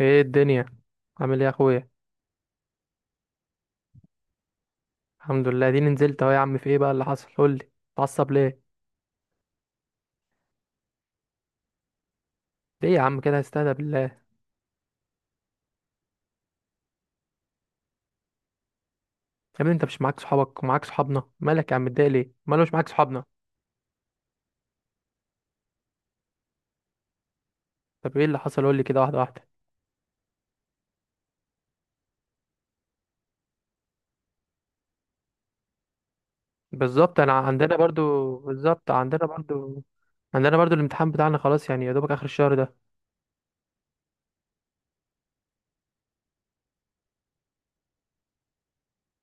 ايه الدنيا؟ عامل ايه يا اخويا؟ الحمد لله دي نزلت اهو يا عم. في ايه بقى اللي حصل؟ قول لي، اتعصب ليه؟ ليه يا عم كده؟ استهدى بالله يا ابني. انت مش معاك صحابك ومعاك صحابنا؟ مالك يا عم متضايق ليه؟ ماله مش معاك صحابنا؟ طب ايه اللي حصل؟ قول لي كده واحده واحده. بالظبط، انا عندنا برضو بالظبط، عندنا برضو. عندنا برضو الامتحان بتاعنا خلاص، يعني يا دوبك اخر الشهر ده.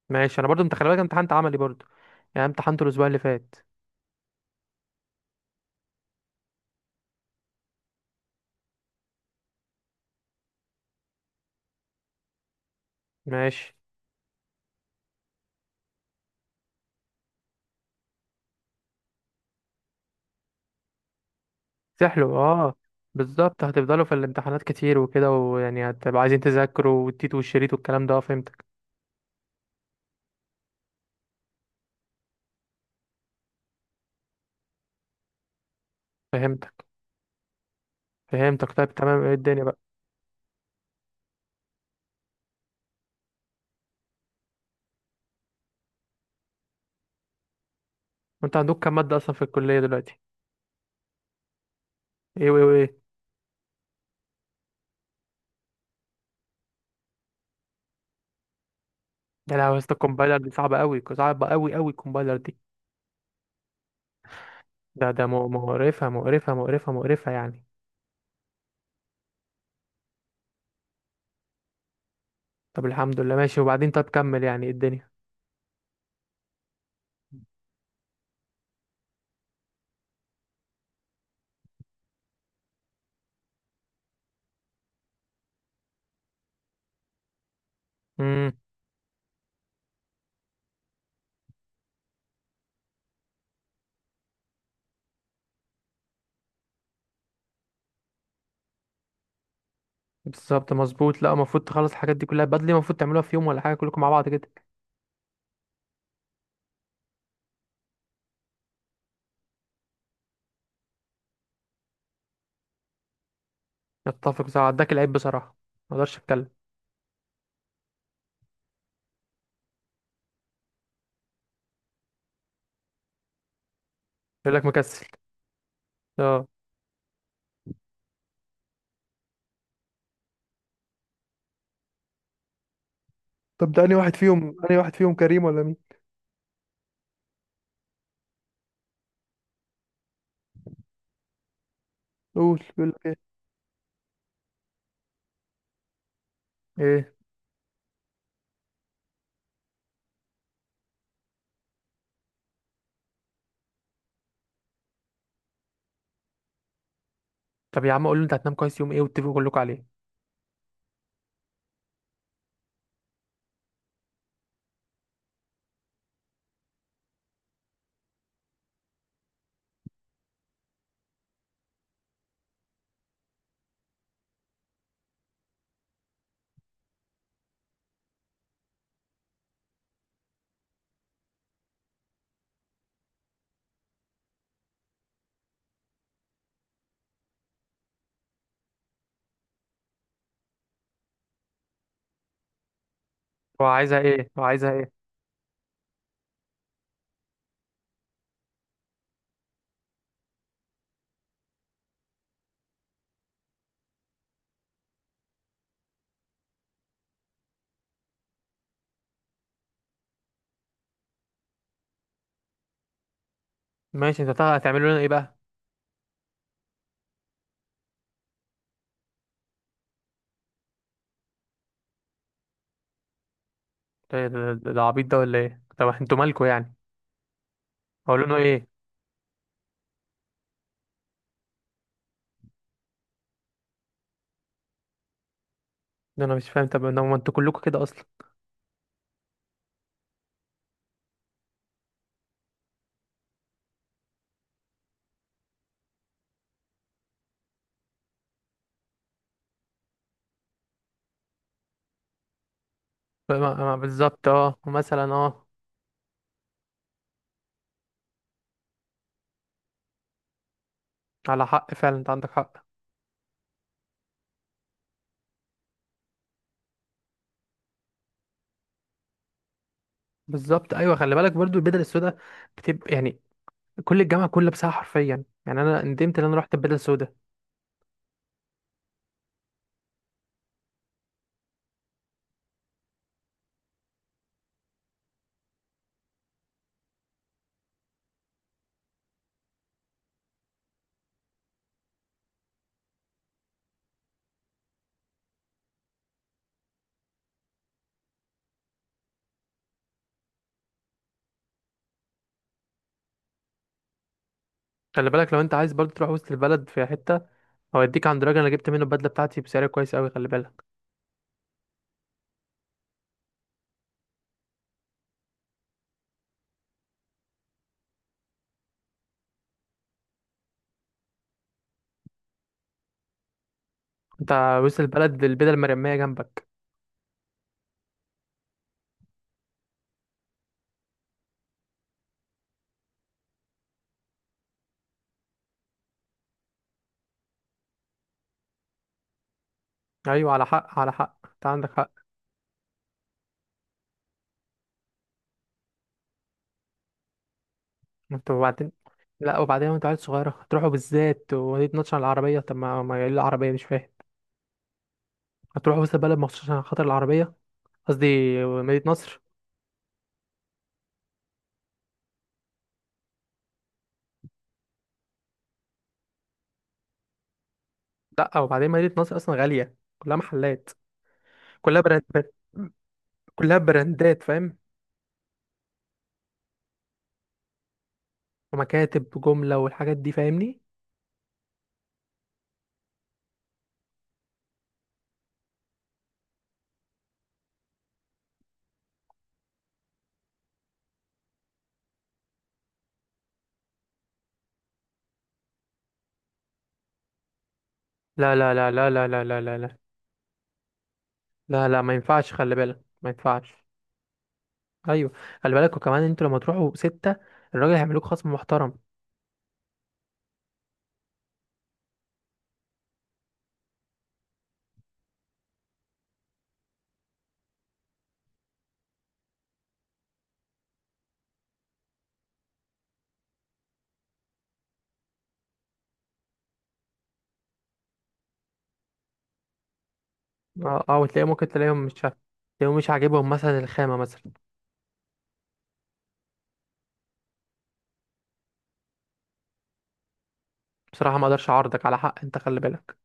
ماشي، انا برضو. انت خلي بالك، امتحنت عملي برضو. يعني امتحنته الاسبوع اللي فات. ماشي. سحلو، اه. بالظبط، هتفضلوا في الامتحانات كتير وكده، ويعني هتبقى عايزين تذاكروا والتيت والشريط والكلام ده. فهمتك. فهمتك، فهمتك. طيب تمام. ايه الدنيا بقى؟ وانت عندك كام مادة اصلا في الكلية دلوقتي؟ ايه وايه وايه؟ ده لا يا اسطى، الكومبايلر دي صعبة قوي، صعبة قوي قوي الكومبايلر دي. مقرفة، مقرفة، مقرفة، مقرفة يعني. طب الحمد لله ماشي. وبعدين طب كمل، يعني ايه الدنيا؟ امم بالظبط، مظبوط. لا، المفروض تخلص الحاجات دي كلها بدري. المفروض تعملوها في يوم ولا حاجة كلكم مع بعض كده. نتفق صح. اداك العيب بصراحة، ما اقدرش اتكلم. يقول لك مكسل. اه. طب ده انهي واحد فيهم؟ انهي واحد فيهم، كريم ولا مين؟ قول، بيقول لك ايه؟ ايه؟ طب يا عم قول له انت هتنام كويس يوم ايه، واتفقوا كلكم عليه. هو عايزها ايه؟ هو عايزها ايه؟ ماشي. هتعملوا لنا ايه بقى؟ ده عبيط ده ولا ايه؟ طب انتوا مالكوا يعني؟ هقول لهم ايه؟ ده انا مش فاهم. طب ما انتوا كلكم كده اصلا. بالظبط، اه، مثلا، اه. على حق فعلا، انت عندك حق. بالظبط، ايوه. خلي بالك برضو البدل السوداء بتبقى يعني كل الجامعه كلها لابسها حرفيا. يعني انا ندمت ان انا رحت البدل السوداء. خلي بالك، لو انت عايز برضه تروح وسط البلد، في حته هوديك عند راجل انا جبت منه البدله بتاعتي بسعر كويس قوي، خلي بالك. انت وسط البلد البدل المرميه جنبك. ايوه، على حق، على حق، انت عندك حق. انت وبعدين، لا وبعدين، وانت عيل صغيره هتروحوا بالذات ودي تنطش على العربيه؟ طب ما يقول العربيه مش فاهم. هتروحوا وسط البلد مخصوص عشان خاطر العربيه؟ قصدي مدينه نصر. لا وبعدين مدينه نصر اصلا غاليه، كلها محلات، كلها براندات، كلها براندات، فاهم؟ ومكاتب جمله والحاجات دي، فاهمني؟ لا لا لا لا لا لا لا لا، لا لا، ما ينفعش، خلي بالك، ما ينفعش. ايوه. خلي بالك، وكمان انتوا لما تروحوا ستة، الراجل هيعملوك خصم محترم. اه اه، وتلاقيه ممكن تلاقيهم مش عاجبهم مثلا الخامة مثلا. بصراحة ما اقدرش اعارضك، على حق انت، خلي بالك.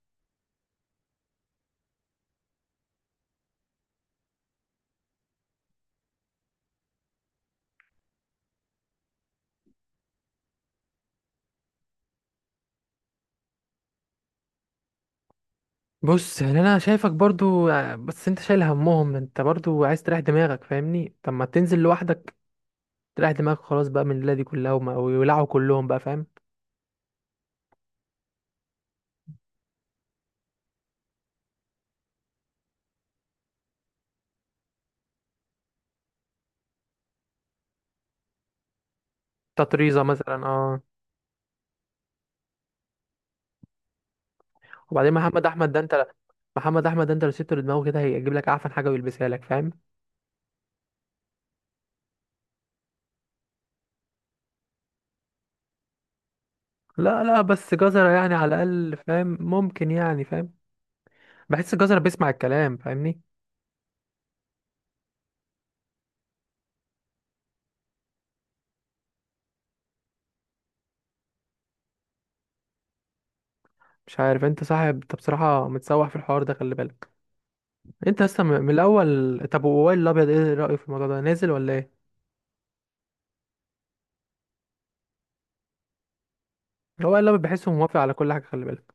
بص يعني، انا شايفك برضو، بس انت شايل همهم، انت برضو عايز تريح دماغك، فاهمني؟ طب ما تنزل لوحدك، تريح دماغك خلاص بقى من الليلة دي كلها، ويولعوا كلهم بقى، فاهم؟ تطريزة مثلا، اه. وبعدين محمد احمد ده، انت محمد احمد ده انت لو سبته لدماغه كده هيجيب لك اعفن حاجة ويلبسها لك، فاهم؟ لا لا، بس جزرة يعني على الأقل فاهم، ممكن يعني فاهم. بحس الجزرة بيسمع الكلام، فاهمني؟ مش عارف انت صاحب، انت بصراحة متسوح في الحوار ده، خلي بالك. انت اصلا من الأول. طب وائل الأبيض ايه رأيه في الموضوع ده؟ نازل ولا ايه؟ هو وائل الأبيض بحسه موافق على كل حاجة، خلي بالك.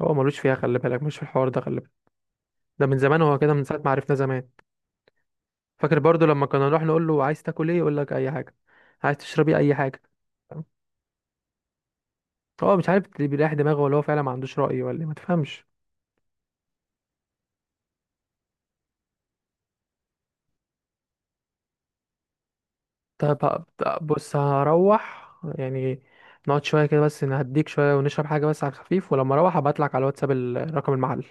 هو ملوش فيها، خلي بالك، مش في الحوار ده، خلي بالك. ده من زمان هو كده، من ساعة ما عرفنا زمان. فاكر برضو لما كنا نروح نقول له عايز تاكل ايه، يقول لك أي حاجة. عايز تشربي أي حاجة. هو مش عارف اللي بيريح دماغه، ولا هو فعلا ما عندوش رأي، ولا ما تفهمش. طب بص، هروح يعني نقعد شوية كده بس، نهديك شوية ونشرب حاجة بس على الخفيف، ولما اروح هبعتلك على الواتساب رقم المحل.